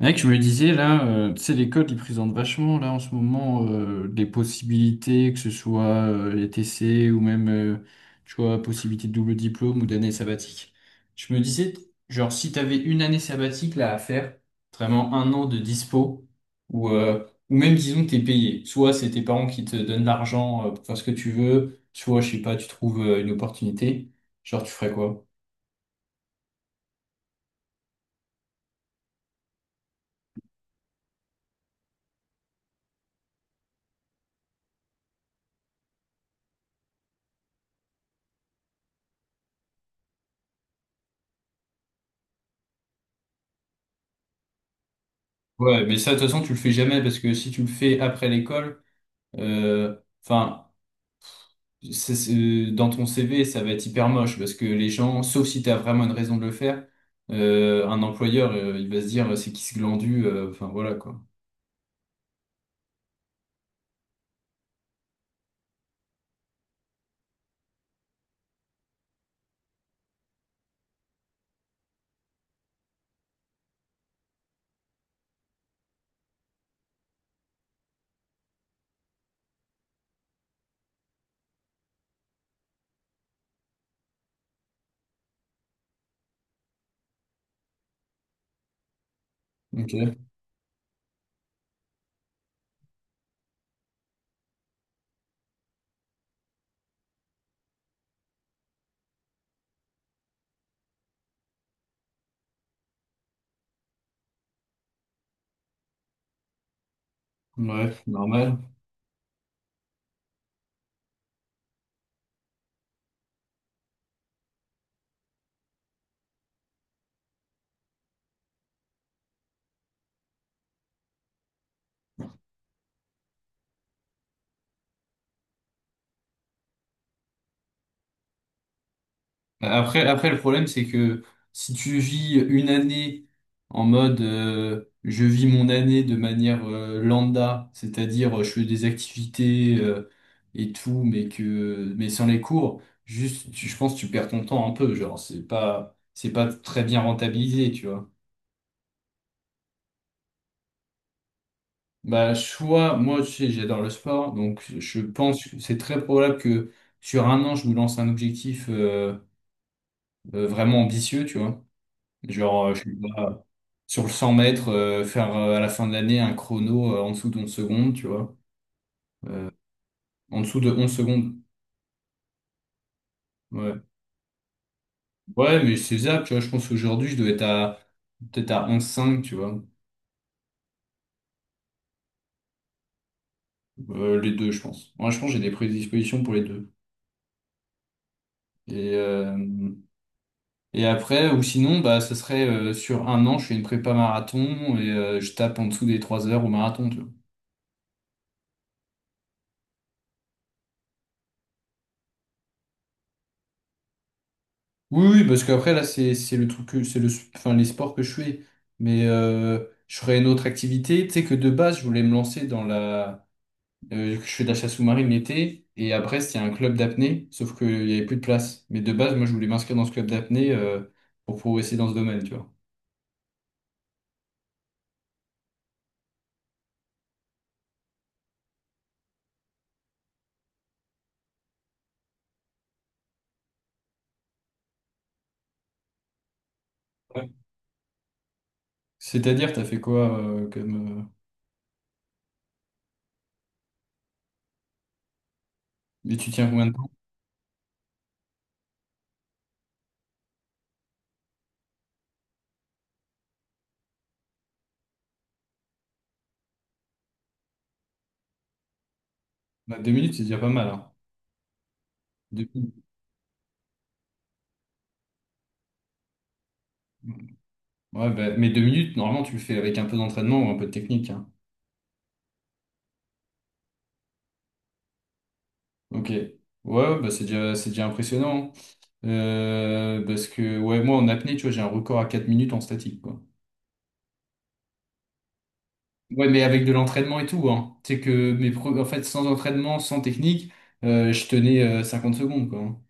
Mec, je me disais là, tu sais, l'école, ils présentent vachement là en ce moment des possibilités, que ce soit les TC ou même, tu vois, possibilité de double diplôme ou d'année sabbatique. Je me disais, genre, si t'avais une année sabbatique là à faire, vraiment un an de dispo, ou même disons que t'es payé. Soit c'est tes parents qui te donnent l'argent pour faire ce que tu veux, soit, je sais pas, tu trouves une opportunité, genre, tu ferais quoi? Ouais, mais ça, de toute façon, tu le fais jamais parce que si tu le fais après l'école, Euh, Enfin, dans ton CV, ça va être hyper moche parce que les gens, sauf si tu as vraiment une raison de le faire, un employeur, il va se dire c'est qui ce glandu, enfin voilà quoi. Ok, ouais, normal. Après, après, le problème, c'est que si tu vis une année en mode je vis mon année de manière lambda, c'est-à-dire je fais des activités et tout, mais que mais sans les cours, je pense que tu perds ton temps un peu, genre c'est pas très bien rentabilisé, tu vois. Bah soit moi tu sais, j'adore le sport, donc je pense que c'est très probable que sur un an je me lance un objectif vraiment ambitieux, tu vois. Genre, je sais pas, sur le 100 mètres, faire à la fin de l'année un chrono en dessous de 11 secondes, tu vois. En dessous de 11 secondes. Ouais. Ouais, mais c'est ça, tu vois. Je pense qu'aujourd'hui, je dois être à peut-être à 11,5, tu vois. Les deux, je pense. Moi, je pense que j'ai des prédispositions pour les deux. Et, euh, et après, ou sinon, bah, ce serait sur un an, je fais une prépa marathon et je tape en dessous des 3 heures au marathon, tu vois. Oui, oui, parce qu'après, là, c'est le truc que, c'est le, enfin, les sports que je fais. Mais euh, je ferais une autre activité. Tu sais que de base, je voulais me lancer dans la. Je fais de la chasse sous-marine l'été. Et à Brest, il y a un club d'apnée, sauf qu'il n'y avait plus de place. Mais de base, moi, je voulais m'inscrire dans ce club d'apnée pour progresser dans ce domaine, tu vois. Ouais. C'est-à-dire, t'as fait quoi comme. Mais tu tiens combien de temps? Bah, 2 minutes, c'est déjà pas mal, hein. Deux minutes. Ouais, bah, mais 2 minutes, normalement, tu le fais avec un peu d'entraînement ou un peu de technique, hein. Ok. Ouais, ouais, bah c'est déjà impressionnant, hein. Parce que, ouais, moi, en apnée, tu vois, j'ai un record à 4 minutes en statique, quoi. Ouais, mais avec de l'entraînement et tout, hein. C'est que, en fait, sans entraînement, sans technique, je tenais 50 secondes, quoi, hein.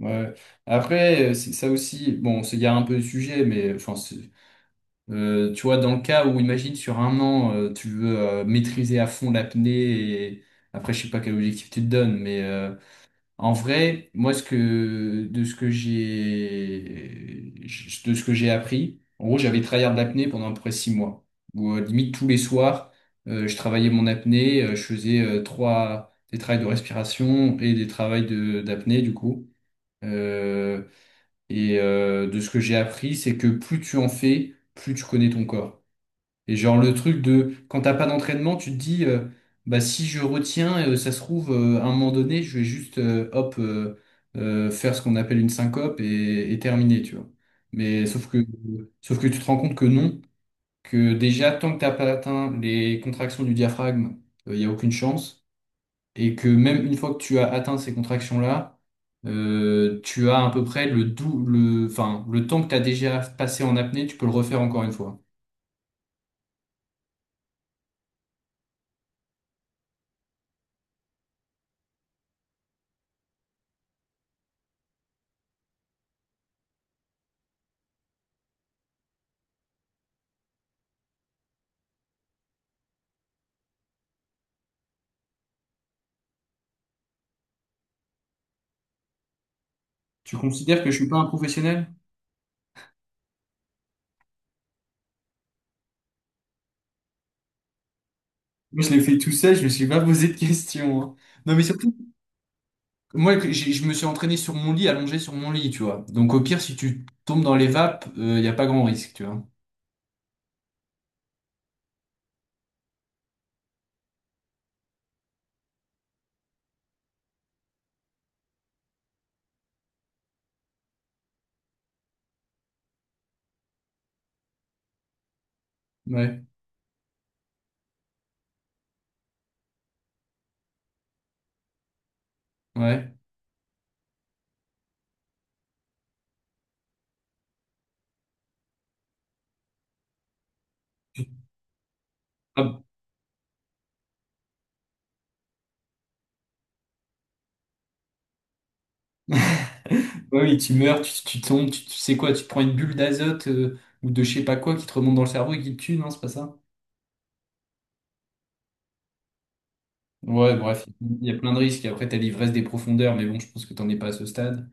Ouais. Après, c'est ça aussi, bon, on s'égare un peu du sujet, mais tu vois, dans le cas où, imagine, sur un an, tu veux maîtriser à fond l'apnée et après, je sais pas quel objectif tu te donnes, mais. En vrai, moi, ce que, de ce que j'ai, de ce que j'ai appris, en gros, j'avais tryhard de l'apnée pendant à peu près 6 mois. Où, limite, tous les soirs, je travaillais mon apnée, je faisais des travails de respiration et des travails d'apnée, du coup. Euh, de ce que j'ai appris, c'est que plus tu en fais, plus tu connais ton corps. Et genre le truc de quand t'as pas d'entraînement, tu te dis bah si je retiens, ça se trouve à un moment donné, je vais juste hop faire ce qu'on appelle une syncope et terminer, tu vois. Mais sauf que tu te rends compte que non, que déjà tant que t'as pas atteint les contractions du diaphragme, il n'y a aucune chance, et que même une fois que tu as atteint ces contractions-là, tu as à peu près le dou le enfin le temps que tu as déjà passé en apnée, tu peux le refaire encore une fois. Tu considères que je suis pas un professionnel? Moi, je l'ai fait tout seul, je me suis pas posé de questions, hein. Non, mais surtout, moi, je me suis entraîné sur mon lit, allongé sur mon lit, tu vois. Donc, au pire, si tu tombes dans les vapes, il n'y a pas grand risque, tu vois. Ouais, ouais. Ah, ouais, oui, tu meurs, tu tombes, tu sais quoi, tu te prends une bulle d'azote ou de je sais pas quoi qui te remonte dans le cerveau et qui te tue, non, c'est pas ça? Ouais, bref, il y a plein de risques. Et après, t'as l'ivresse des profondeurs, mais bon, je pense que t'en es pas à ce stade.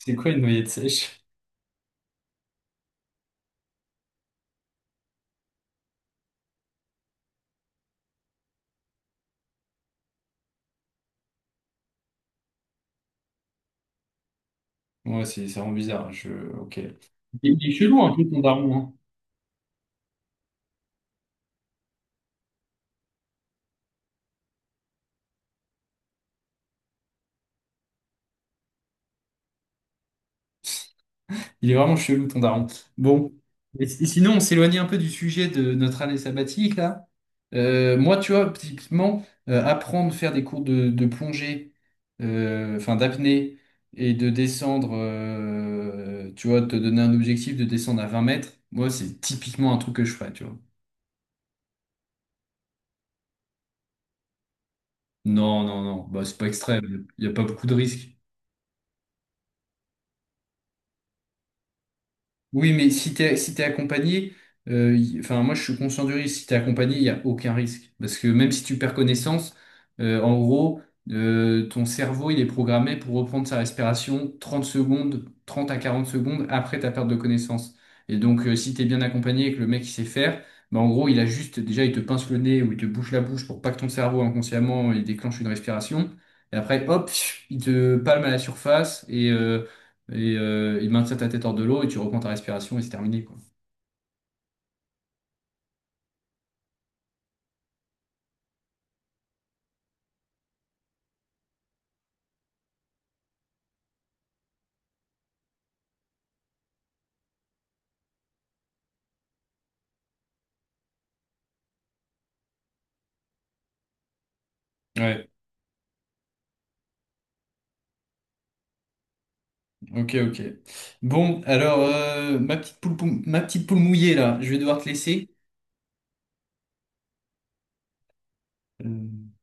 C'est quoi une noyade sèche? Ouais, c'est, ça rend bizarre, hein. Je... Ok. Il est chelou un peu ton daron, hein. Il est vraiment chelou, ton daron. Bon. Et, sinon, on s'éloignait un peu du sujet de notre année sabbatique, là. Moi, tu vois, typiquement, apprendre, faire des cours de plongée, enfin d'apnée, et de descendre, tu vois, te donner un objectif de descendre à 20 mètres, moi, c'est typiquement un truc que je ferais, tu vois. Non, non, non, bah, c'est pas extrême, il n'y a pas beaucoup de risques. Oui, mais si t'es accompagné, enfin, moi je suis conscient du risque. Si t'es accompagné, il n'y a aucun risque. Parce que même si tu perds connaissance, en gros, ton cerveau il est programmé pour reprendre sa respiration 30 secondes, 30 à 40 secondes après ta perte de connaissance. Et donc, si t'es bien accompagné et que le mec il sait faire, bah, en gros, il a juste, déjà, il te pince le nez ou il te bouche la bouche pour pas que ton cerveau inconsciemment il déclenche une respiration. Et après, hop, il te palme à la surface et il maintient ta tête hors de l'eau et tu reprends ta respiration et c'est terminé, quoi. Ouais, ok, ok. Bon, alors, ma petite poule, ma petite poule mouillée, là, je vais devoir te laisser. Euh,